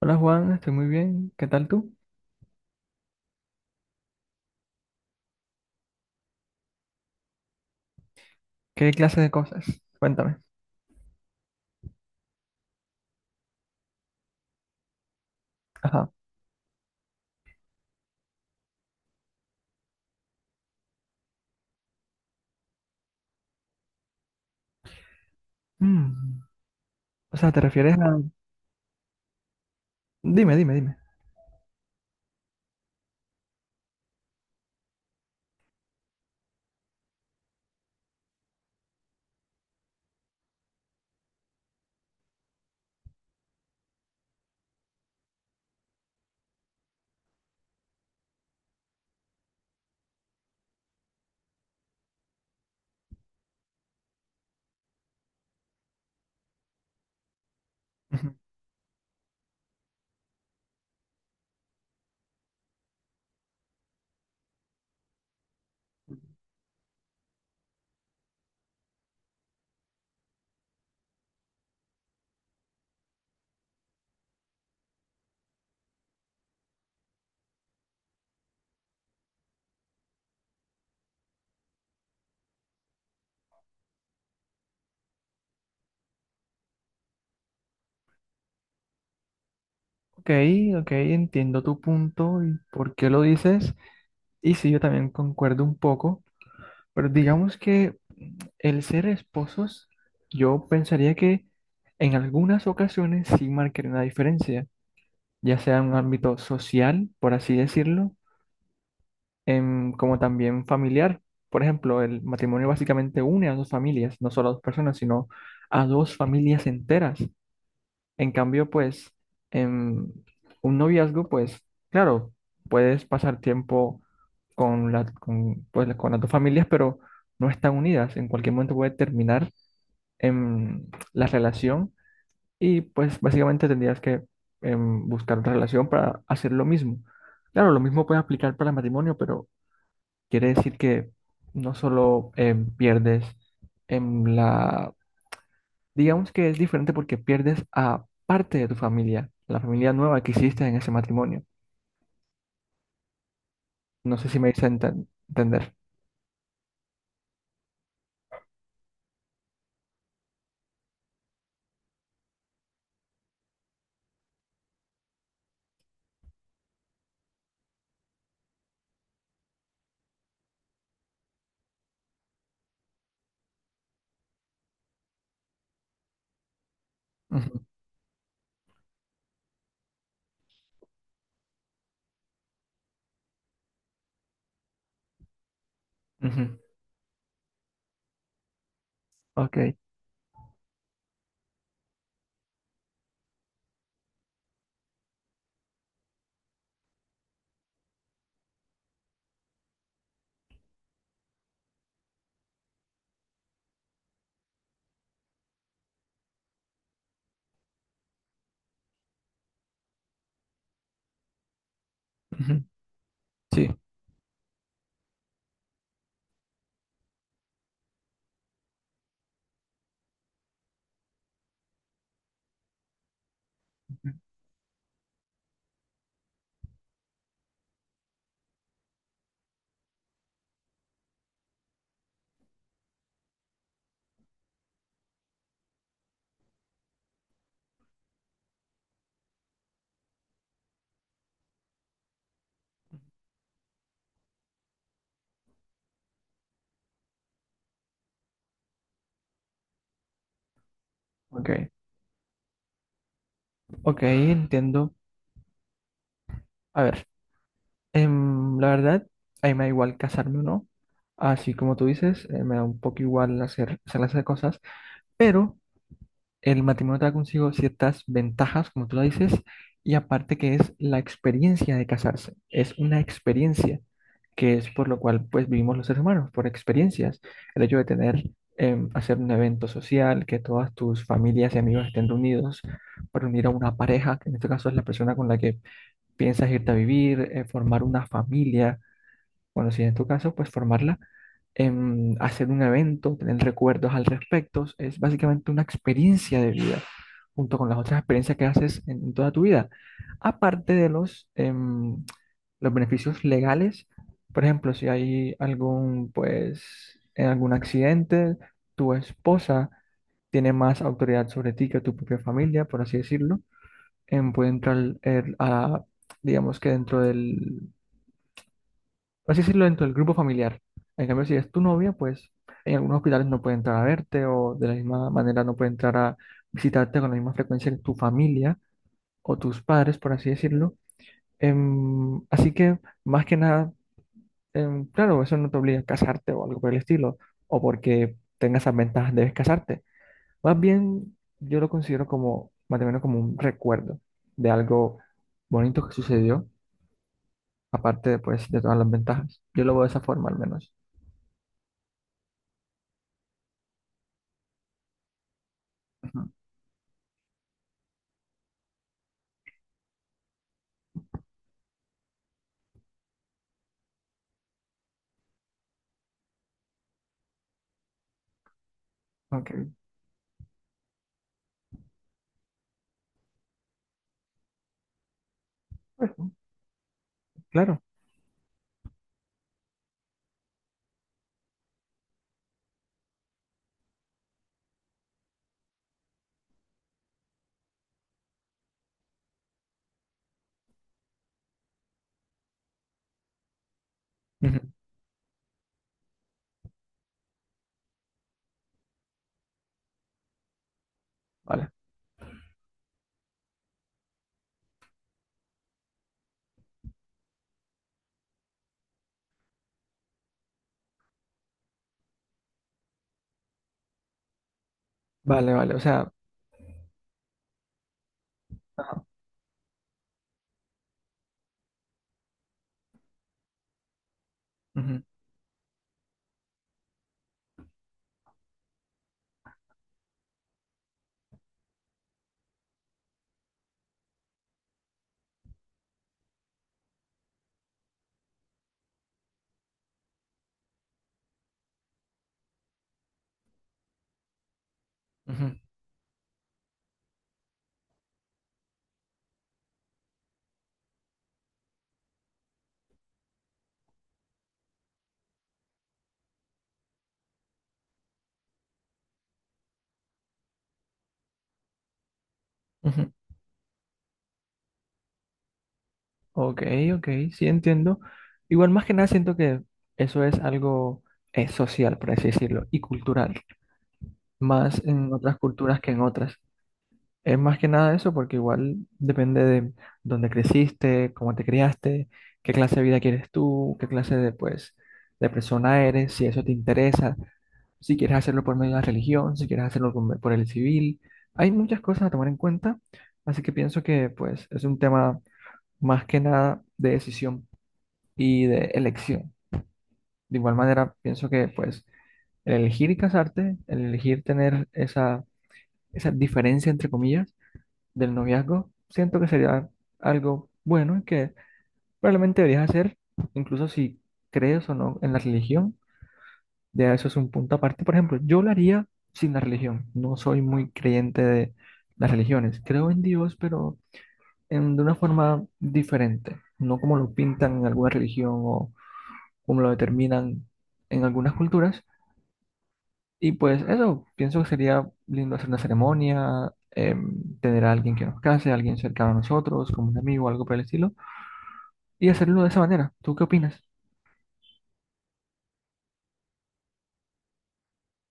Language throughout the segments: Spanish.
Hola Juan, estoy muy bien. ¿Qué tal tú? ¿Qué clase de cosas? Cuéntame. Ajá. Mm. O sea, ¿te refieres a? Dime, dime, dime. Ujú. Ok, ok, entiendo tu punto y por qué lo dices. Y sí, yo también concuerdo un poco. Pero digamos que el ser esposos, yo pensaría que en algunas ocasiones sí marcaría una diferencia, ya sea en un ámbito social, por así decirlo, como también familiar. Por ejemplo, el matrimonio básicamente une a dos familias, no solo a dos personas, sino a dos familias enteras. En cambio, pues, em, un noviazgo, pues, claro, puedes pasar tiempo pues, con las dos familias, pero no están unidas. En cualquier momento puede terminar em, la relación y, pues, básicamente tendrías que buscar otra relación para hacer lo mismo. Claro, lo mismo puede aplicar para el matrimonio, pero. Quiere decir que no solo pierdes en la, digamos que es diferente porque pierdes a parte de tu familia, la familia nueva que hiciste en ese matrimonio. No sé si me hice entender. Ujú, ujú. Ok. Ujú, sí. Ok. Ok, entiendo. A ver, la verdad, a mí me da igual casarme o no. Así como tú dices, me da un poco igual hacer las cosas, pero el matrimonio trae consigo ciertas ventajas, como tú lo dices, y aparte que es la experiencia de casarse, es una experiencia que es por lo cual pues vivimos los seres humanos, por experiencias. El hecho de tener, hacer un evento social, que todas tus familias y amigos estén reunidos para unir a una pareja, que en este caso es la persona con la que piensas irte a vivir, formar una familia, bueno, si en tu caso, pues formarla, hacer un evento, tener recuerdos al respecto, es básicamente una experiencia de vida, junto con las otras experiencias que haces en toda tu vida. Aparte de los beneficios legales, por ejemplo, si hay algún, pues, en algún accidente, tu esposa tiene más autoridad sobre ti que tu propia familia, por así decirlo. Puede entrar a digamos que dentro del, por así decirlo, dentro del grupo familiar. En cambio, si es tu novia, pues en algunos hospitales no puede entrar a verte o de la misma manera no puede entrar a visitarte con la misma frecuencia que tu familia o tus padres, por así decirlo. Así que, más que nada, claro, eso no te obliga a casarte o algo por el estilo, o porque tengas esas ventajas debes casarte. Más bien, yo lo considero como, más o menos como un recuerdo de algo bonito que sucedió, aparte, pues, de todas las ventajas. Yo lo veo de esa forma, al menos. Ujú. Ok, pues, claro. Ujú. Vale, vale, vale. O sea, ujú, ujú, ujú. Ok, ok, sí entiendo. Igual más que nada siento que eso es algo social, por así decirlo, y cultural, más en otras culturas que en otras. Es más que nada eso, porque igual depende de dónde creciste, cómo te criaste, qué clase de vida quieres tú, qué clase de, pues, de persona eres, si eso te interesa, si quieres hacerlo por medio de la religión, si quieres hacerlo por el civil. Hay muchas cosas a tomar en cuenta, así que pienso que pues es un tema más que nada de decisión y de elección. De igual manera, pienso que pues el elegir casarte, el elegir tener esa diferencia entre comillas, del noviazgo, siento que sería algo bueno y que probablemente deberías hacer, incluso si crees o no en la religión, ya eso es un punto aparte. Por ejemplo, yo lo haría sin la religión, no soy muy creyente de las religiones, creo en Dios, pero de una forma diferente, no como lo pintan en alguna religión o como lo determinan en algunas culturas. Y pues eso, pienso que sería lindo hacer una ceremonia, tener a alguien que nos case, alguien cercano a nosotros, como un amigo, algo por el estilo, y hacerlo de esa manera. ¿Tú qué opinas?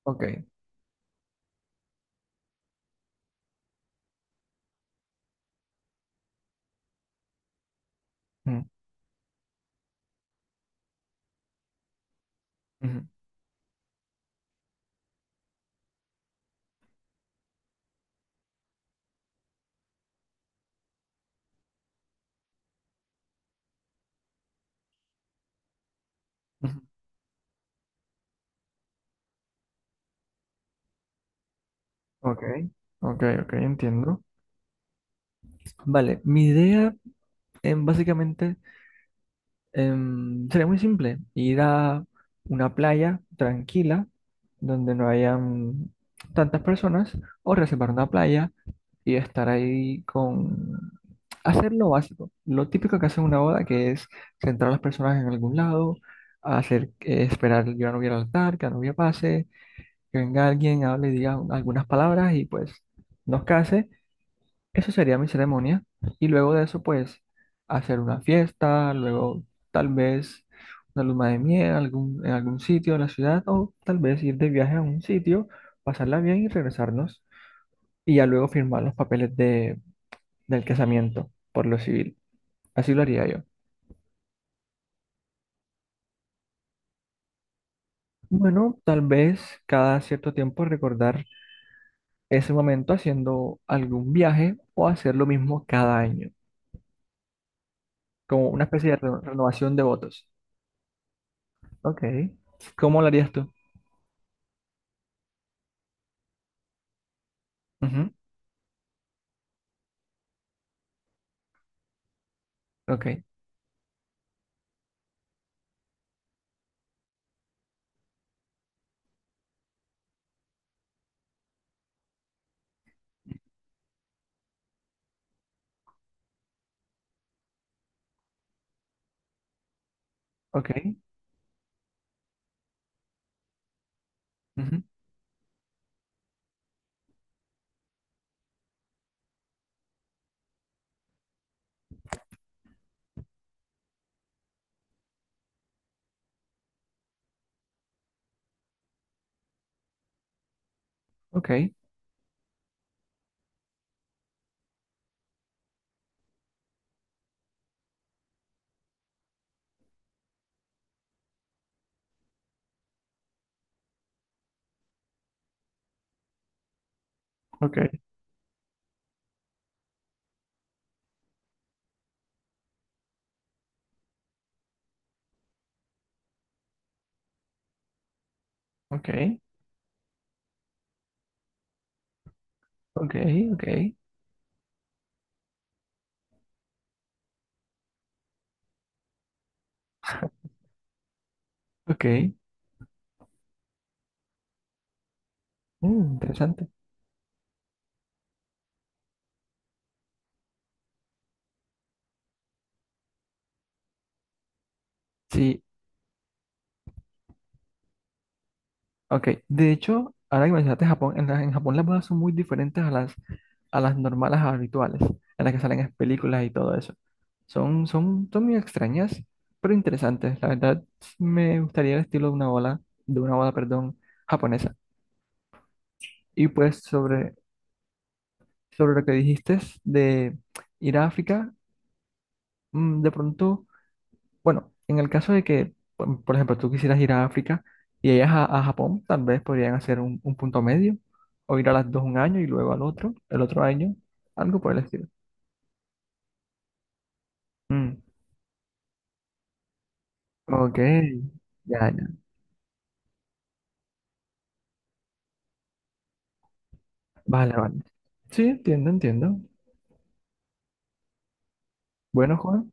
Ok. Mm, ujú, ujú. Ok. Ok, ok, entiendo. Vale, mi idea, básicamente, sería muy simple, ir a una playa tranquila donde no hayan tantas personas o reservar una playa y estar ahí con hacer lo básico, lo típico que hace una boda, que es centrar a las personas en algún lado, hacer, esperar que la novia pase, que venga alguien, hable diga algunas palabras y pues nos case. Eso sería mi ceremonia. Y luego de eso, pues hacer una fiesta, luego tal vez una luna de miel en algún sitio de la ciudad o tal vez ir de viaje a un sitio, pasarla bien y regresarnos y ya luego firmar los papeles del casamiento por lo civil. Así lo haría yo. Bueno, tal vez cada cierto tiempo recordar ese momento haciendo algún viaje o hacer lo mismo cada año, como una especie de renovación de votos. Ok. ¿Cómo lo harías tú? Ujú. Ok, ok, ujú, ok, ok, ok, ok, ok, ok. Mm, interesante. Sí, ok. De hecho, ahora que mencionaste Japón, en Japón las bodas son muy diferentes a las, normales habituales, en las que salen en películas y todo eso. Son muy extrañas, pero interesantes. La verdad, me gustaría el estilo de una boda, perdón, japonesa. Y pues sobre lo que dijiste de ir a África, de pronto, bueno, en el caso de que, por ejemplo, tú quisieras ir a África y ellas a Japón, tal vez podrían hacer un punto medio, o ir a las dos un año y luego al otro, el otro año, algo por el estilo. Mm, ok, ya, ya. Vale, vale. Sí, entiendo, entiendo. Bueno, Juan,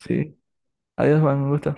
sí. Adiós, Juan, un gusto.